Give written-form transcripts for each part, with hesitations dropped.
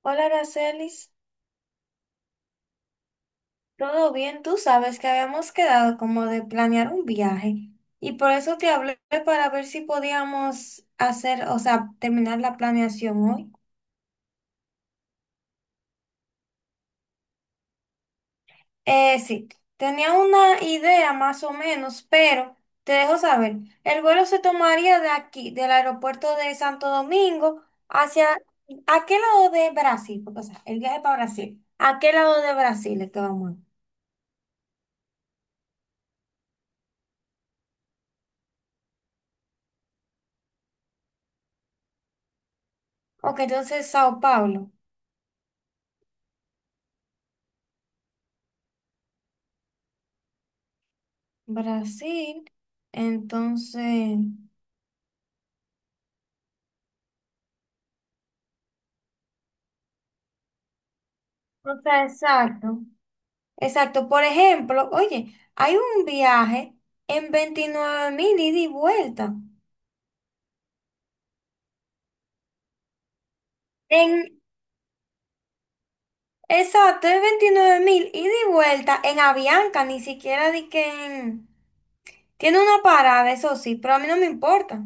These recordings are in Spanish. Hola, Aracelis. ¿Todo bien? Tú sabes que habíamos quedado como de planear un viaje y por eso te hablé para ver si podíamos hacer, o sea, terminar la planeación hoy. Sí, tenía una idea más o menos, pero te dejo saber. El vuelo se tomaría de aquí, del aeropuerto de Santo Domingo, hacia, ¿a qué lado de Brasil? Porque, o sea, el viaje para Brasil. ¿A qué lado de Brasil es que vamos? Ok, entonces Sao Paulo. Brasil, entonces, o sea, exacto. Por ejemplo, oye, hay un viaje en 29.000 ida y vuelta. En, exacto, es 29.000 ida y vuelta en Avianca, ni siquiera di que en- tiene una parada, eso sí, pero a mí no me importa.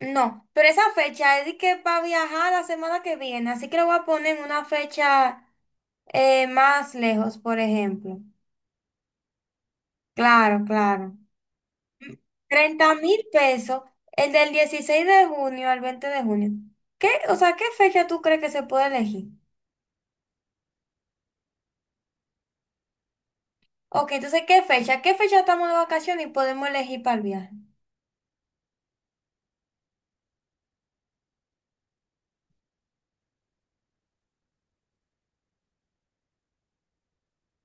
No, pero esa fecha es de que para viajar la semana que viene, así que lo voy a poner en una fecha más lejos, por ejemplo. Claro, claro. 30.000 pesos, el del 16 de junio al 20 de junio. ¿Qué? O sea, ¿qué fecha tú crees que se puede elegir? Ok, entonces, ¿qué fecha? ¿Qué fecha estamos de vacaciones y podemos elegir para el viaje?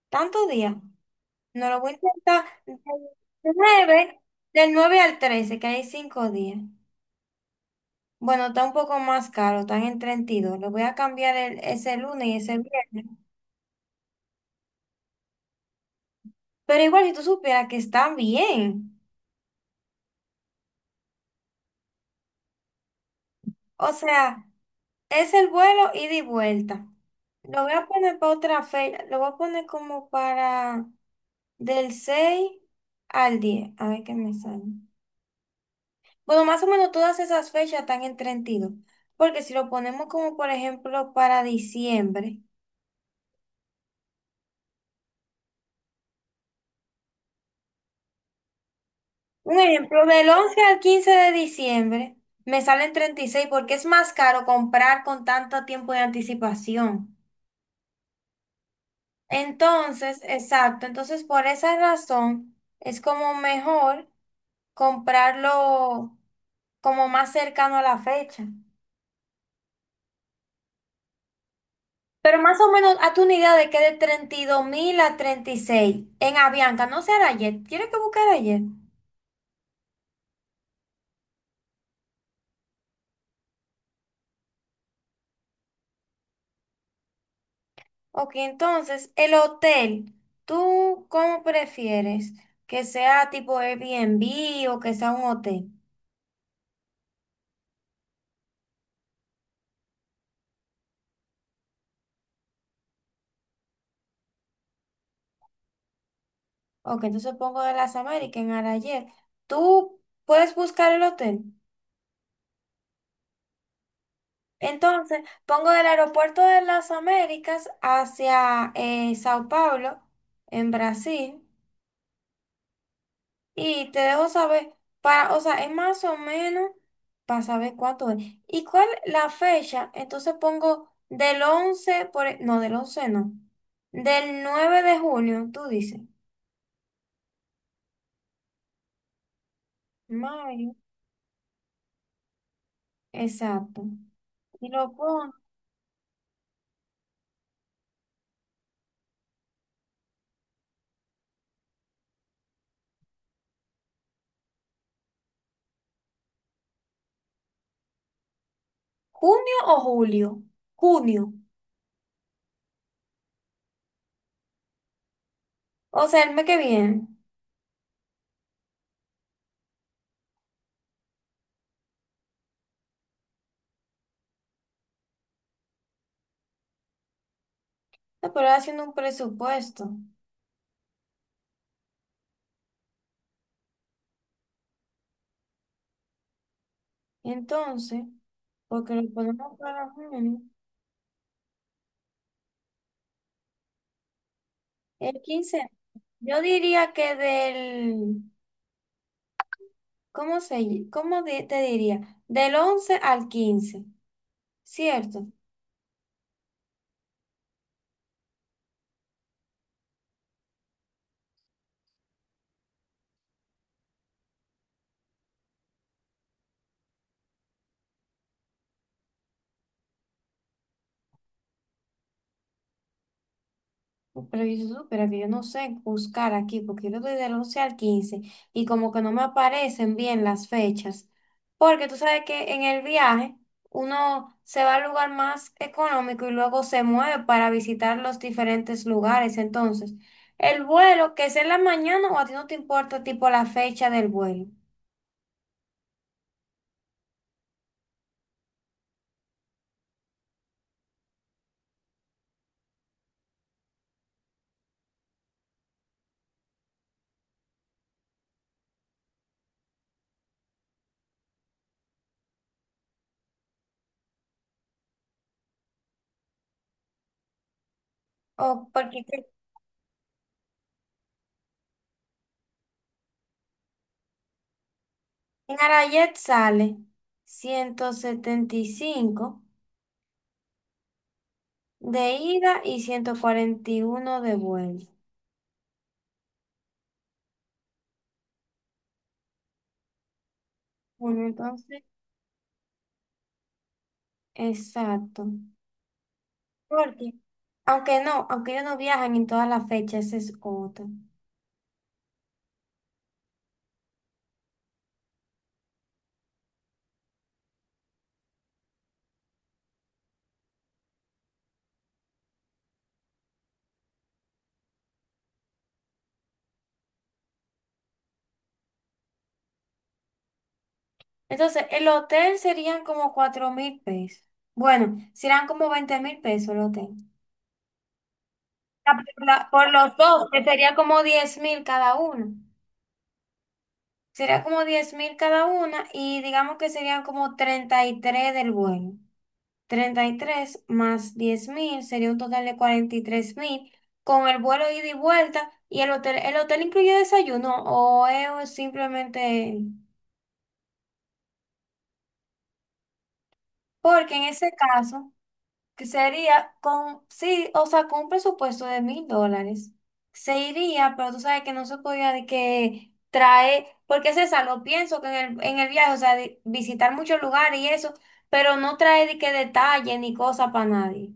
¿Tantos días? No lo voy a intentar. Del 9, del 9 al 13, que hay 5 días. Bueno, está un poco más caro, están en 32. Lo voy a cambiar el- ese lunes y ese viernes. Pero igual, si tú supieras que están bien. O sea, es el vuelo ida y vuelta. Lo voy a poner para otra fecha. Lo voy a poner como para del 6 al 10. A ver qué me sale. Bueno, más o menos todas esas fechas están en 32. Porque si lo ponemos como por ejemplo para diciembre. Un ejemplo, del 11 al 15 de diciembre me salen 36 porque es más caro comprar con tanto tiempo de anticipación. Entonces, exacto. Entonces, por esa razón es como mejor comprarlo como más cercano a la fecha. Pero más o menos, hazte una idea de que de 32.000 a 36 en Avianca, no será ayer. ¿Tienes que buscar ayer? Ok, entonces, el hotel, ¿tú cómo prefieres? ¿Que sea tipo Airbnb o que sea un hotel? Ok, entonces pongo de las Américas en Arayet. ¿Tú puedes buscar el hotel? Entonces, pongo del aeropuerto de las Américas hacia Sao Paulo, en Brasil, y te dejo saber, para, o sea, es más o menos para saber cuánto es. ¿Y cuál la fecha? Entonces pongo del 11 por, e- no, del 11 no, del 9 de junio, tú dices. Mayo, exacto. Y lo pongo, ¿junio o julio? Junio, o sea, el mes que viene. No, pero haciendo un presupuesto. Entonces, porque lo ponemos para junio, el 15, yo diría que del, ¿cómo se, ll- cómo di- te diría? Del 11 al 15, ¿cierto? Pero yo supiera que yo no sé buscar aquí, porque yo doy del 11 al 15 y como que no me aparecen bien las fechas. Porque tú sabes que en el viaje uno se va al lugar más económico y luego se mueve para visitar los diferentes lugares. Entonces, el vuelo, que es en la mañana o a ti no te importa tipo la fecha del vuelo. O porque que- en Arayet sale 175 de ida y 141 de vuelta. Bueno, entonces, exacto. Porque, aunque no, aunque ellos no viajan en todas las fechas, ese es otro. Entonces, el hotel serían como 4.000 pesos. Bueno, serán como 20.000 pesos el hotel. Ah, por, la- por los dos, que sería como 10.000 cada uno. Sería como diez mil cada una y digamos que serían como 33 del vuelo. 33 más 10.000 sería un total de 43.000, con el vuelo ida y vuelta y el hotel. ¿El hotel incluye desayuno o es simplemente...? Porque en ese caso, que sería con, sí, o sea, con un presupuesto de 1.000 dólares, se iría, pero tú sabes que no se podía de que trae, porque César, lo pienso que en el viaje, o sea, de visitar muchos lugares y eso, pero no trae de que detalle ni cosa para nadie.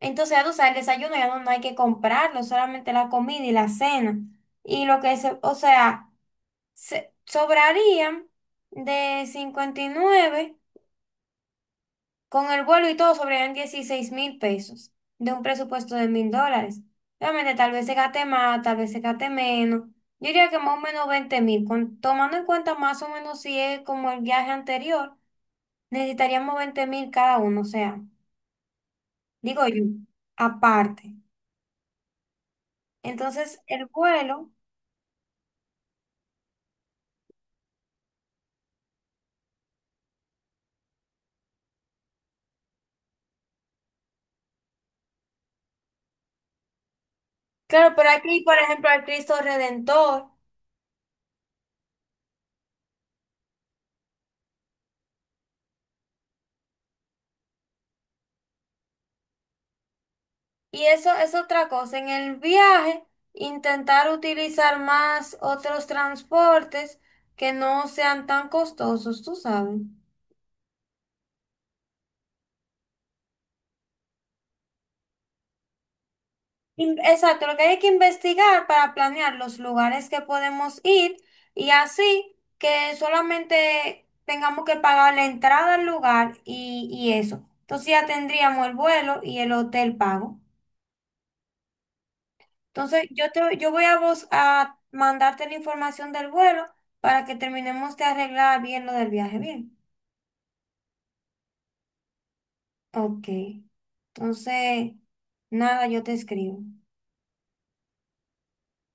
Entonces, ya tú sabes, el desayuno ya no, no hay que comprarlo, solamente la comida y la cena. Y lo que se, o sea, se- sobrarían de 59 con el vuelo y todo, sobrarían 16.000 pesos de un presupuesto de mil dólares. Realmente, tal vez se gaste más, tal vez se gaste menos. Yo diría que más o menos 20.000, con tomando en cuenta más o menos si es como el viaje anterior, necesitaríamos 20.000 cada uno, o sea, digo yo, aparte. Entonces, el vuelo. Claro, pero aquí, por ejemplo, al Cristo Redentor. Y eso es otra cosa. En el viaje, intentar utilizar más otros transportes que no sean tan costosos, tú sabes. In- Exacto, lo que hay que investigar para planear los lugares que podemos ir y así que solamente tengamos que pagar la entrada al lugar y eso. Entonces ya tendríamos el vuelo y el hotel pago. Entonces, yo voy a mandarte la información del vuelo para que terminemos de arreglar bien lo del viaje. Bien. Ok. Entonces, nada, yo te escribo.